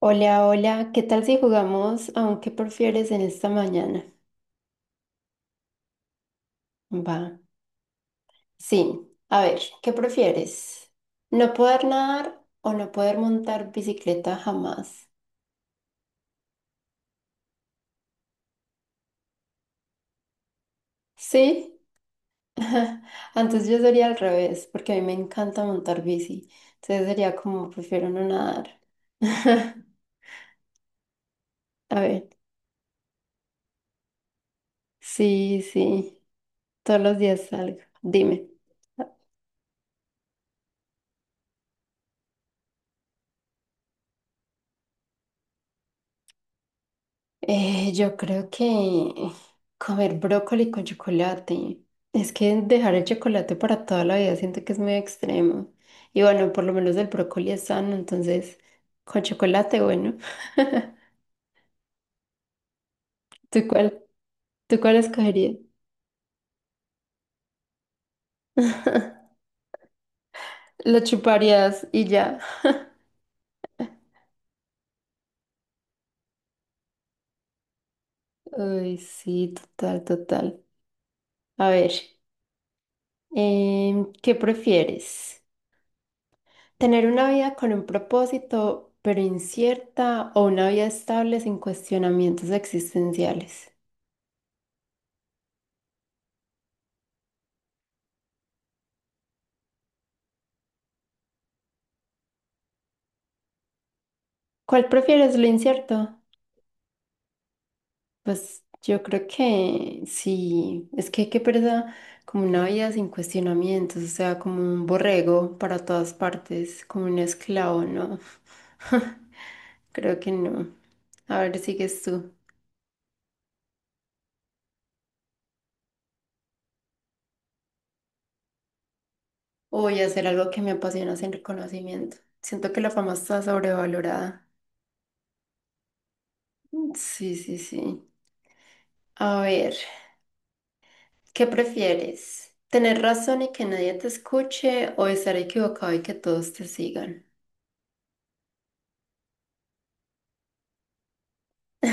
Hola, hola, ¿qué tal si jugamos aunque prefieres en esta mañana? Va. Sí, a ver, ¿qué prefieres? ¿No poder nadar o no poder montar bicicleta jamás? Sí, antes yo sería al revés, porque a mí me encanta montar bici, entonces sería como prefiero no nadar. A ver, sí, sí, todos los días salgo, dime. Yo creo que comer brócoli con chocolate. Es que dejar el chocolate para toda la vida siento que es muy extremo. Y bueno, por lo menos el brócoli es sano, entonces con chocolate, bueno. ¿Tú cuál, ¿Tú cuál escogerías? Lo chuparías y ya. Ay, sí, total, total. A ver, ¿qué prefieres? ¿Tener una vida con un propósito pero incierta o una vida estable sin cuestionamientos existenciales? ¿Cuál prefieres lo incierto? Pues yo creo que sí, es que qué pereza, como una vida sin cuestionamientos, o sea, como un borrego para todas partes, como un esclavo, ¿no? Creo que no. A ver, sigues tú. O voy a hacer algo que me apasiona sin reconocimiento. Siento que la fama está sobrevalorada. Sí, sí, sí. A ver, ¿qué prefieres? ¿Tener razón y que nadie te escuche o estar equivocado y que todos te sigan?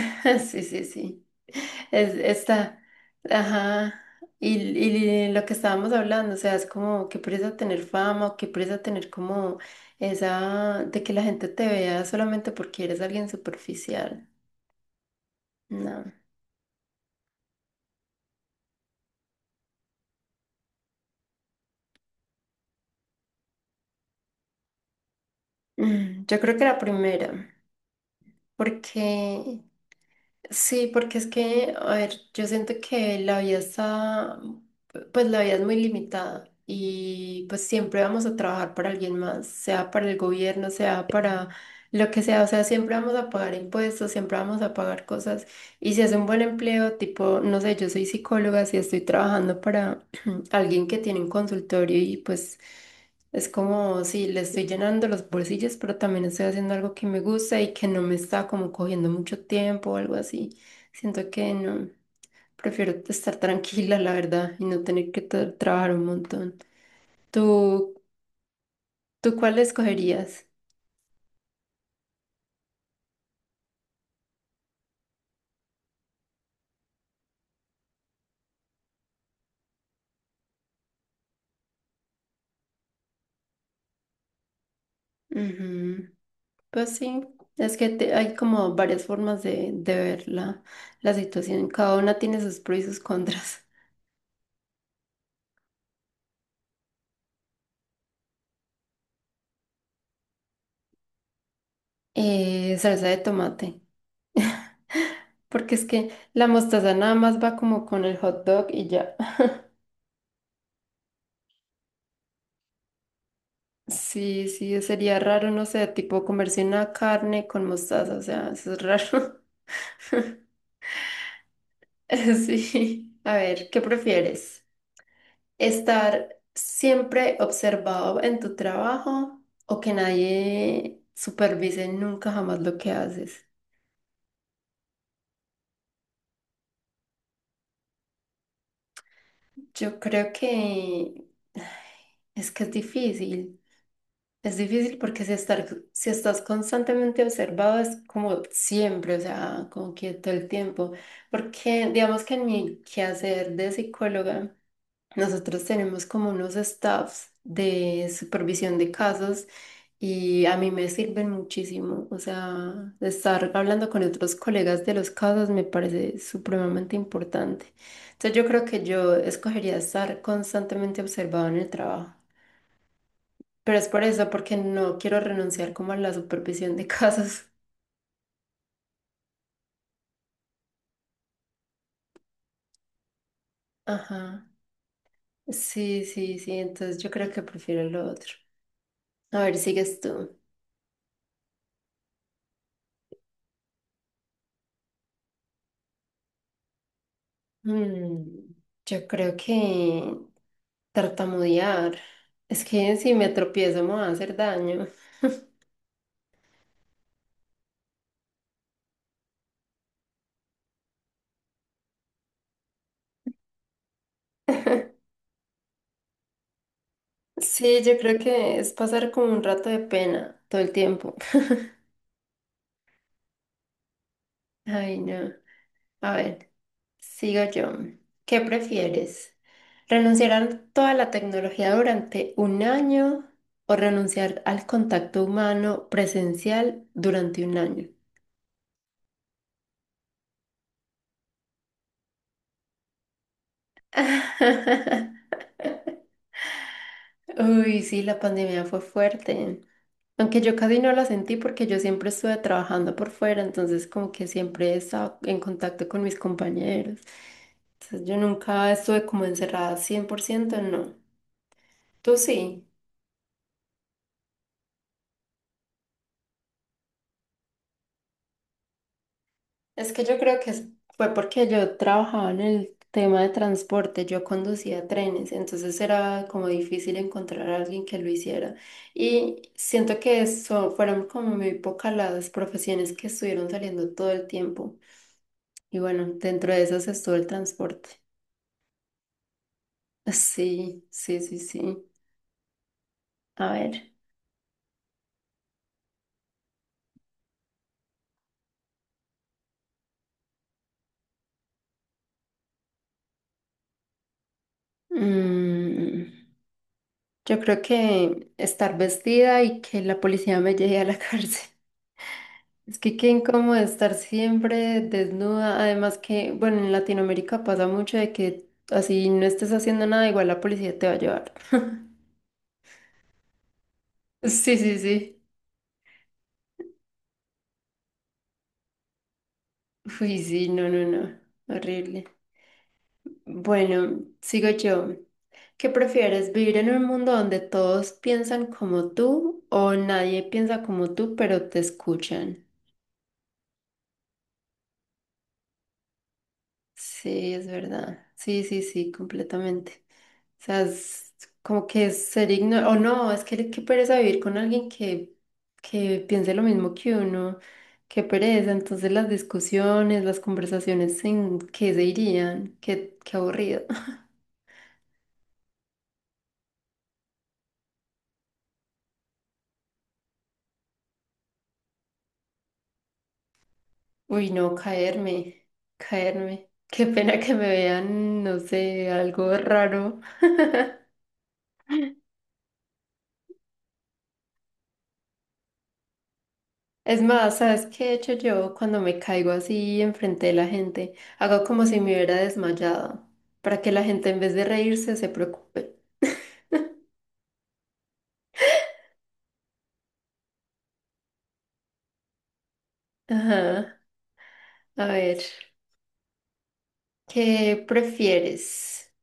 Sí, sí, sí. Es, está. Ajá. Y lo que estábamos hablando, o sea, es como qué presa tener fama o qué presa tener como esa de que la gente te vea solamente porque eres alguien superficial. No. Mm, yo creo que la primera, porque sí, porque es que, a ver, yo siento que la vida está, pues la vida es muy limitada y pues siempre vamos a trabajar para alguien más, sea para el gobierno, sea para lo que sea, o sea, siempre vamos a pagar impuestos, siempre vamos a pagar cosas y si es un buen empleo, tipo, no sé, yo soy psicóloga, si estoy trabajando para alguien que tiene un consultorio y pues... Es como si le estoy llenando los bolsillos, pero también estoy haciendo algo que me gusta y que no me está como cogiendo mucho tiempo o algo así. Siento que no, prefiero estar tranquila, la verdad, y no tener que trabajar un montón. ¿Tú, ¿tú cuál escogerías? Ujú, pues sí, es que hay como varias formas de ver la situación. Cada una tiene sus pros y sus contras. Salsa de tomate. Porque es que la mostaza nada más va como con el hot dog y ya. Sí, sí, sería raro, no sé, tipo comerse una carne con mostaza, o sea, eso es raro. Sí. A ver, ¿qué prefieres? ¿Estar siempre observado en tu trabajo o que nadie supervise nunca jamás lo que haces? Yo creo que es que es difícil. Es difícil porque si estás constantemente observado es como siempre, o sea, como que todo el tiempo. Porque digamos que en mi quehacer de psicóloga, nosotros tenemos como unos staffs de supervisión de casos y a mí me sirven muchísimo. O sea, estar hablando con otros colegas de los casos me parece supremamente importante. Entonces yo creo que yo escogería estar constantemente observado en el trabajo. Pero es por eso, porque no quiero renunciar como a la supervisión de casos. Ajá. Sí, sí, sí. Entonces yo creo que prefiero lo otro. A ver, sigues tú. Mm, yo creo que tartamudear. Es que si me tropiezo me va a hacer daño. Sí, yo creo que es pasar como un rato de pena todo el tiempo. Ay, no. A ver, sigo yo. ¿Qué prefieres? ¿Renunciar a toda la tecnología durante un año o renunciar al contacto humano presencial durante un año? Uy, sí, la pandemia fue fuerte. Aunque yo casi no la sentí porque yo siempre estuve trabajando por fuera, entonces como que siempre estaba en contacto con mis compañeros. Entonces yo nunca estuve como encerrada 100%. No. ¿Tú sí? Es que yo creo que fue porque yo trabajaba en el tema de transporte, yo conducía trenes, entonces era como difícil encontrar a alguien que lo hiciera. Y siento que eso fueron como muy pocas las profesiones que estuvieron saliendo todo el tiempo. Y bueno, dentro de esas estuvo el transporte. Sí, sí, sí, sí. A ver. Mm, yo creo que estar vestida y que la policía me lleve a la cárcel. Es que qué incómodo estar siempre desnuda. Además que, bueno, en Latinoamérica pasa mucho de que así no estés haciendo nada, igual la policía te va a llevar. Sí, sí, sí. Uy, sí, no, no, no. Horrible. Bueno, sigo yo. ¿Qué prefieres, vivir en un mundo donde todos piensan como tú o nadie piensa como tú, pero te escuchan? Sí, es verdad. Sí, sí, sí, completamente. O sea, es como que ser ignorante, o no, es que qué pereza vivir con alguien que piense lo mismo que uno, qué pereza, entonces las discusiones, las conversaciones en qué se irían, qué, qué aburrido. Uy, no, caerme. Qué pena que me vean, no sé, algo raro. Es más, ¿sabes qué he hecho yo cuando me caigo así enfrente de la gente? Hago como si me hubiera desmayado, para que la gente en vez de reírse se preocupe. Ajá. A ver, ¿qué prefieres?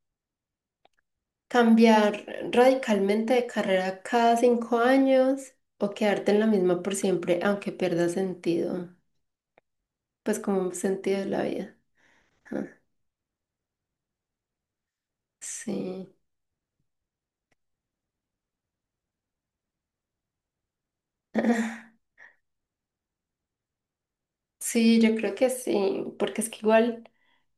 ¿Cambiar radicalmente de carrera cada 5 años o quedarte en la misma por siempre, aunque pierda sentido? Pues como un sentido de la vida. Ah, sí. Sí, yo creo que sí, porque es que igual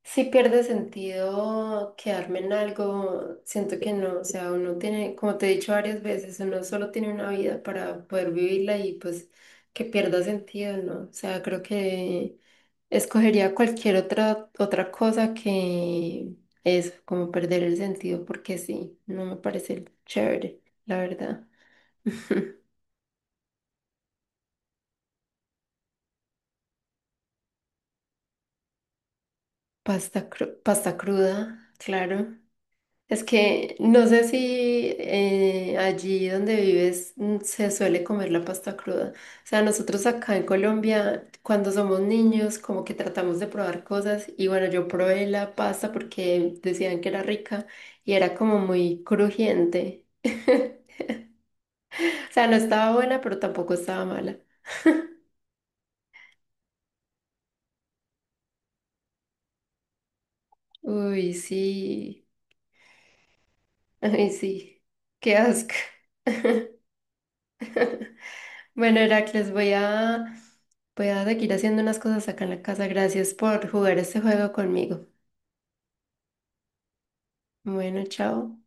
si pierde sentido quedarme en algo, siento que no, o sea, uno tiene, como te he dicho varias veces, uno solo tiene una vida para poder vivirla y pues que pierda sentido, ¿no? O sea, creo que escogería cualquier otra cosa que eso, como perder el sentido, porque sí, no me parece chévere, la verdad. Pasta cruda, claro. Es que no sé si allí donde vives se suele comer la pasta cruda. O sea, nosotros acá en Colombia, cuando somos niños, como que tratamos de probar cosas y bueno, yo probé la pasta porque decían que era rica y era como muy crujiente. O sea, no estaba buena, pero tampoco estaba mala. Uy, sí. Ay, sí. Qué asco. Bueno, Heracles, voy a seguir haciendo unas cosas acá en la casa. Gracias por jugar este juego conmigo. Bueno, chao.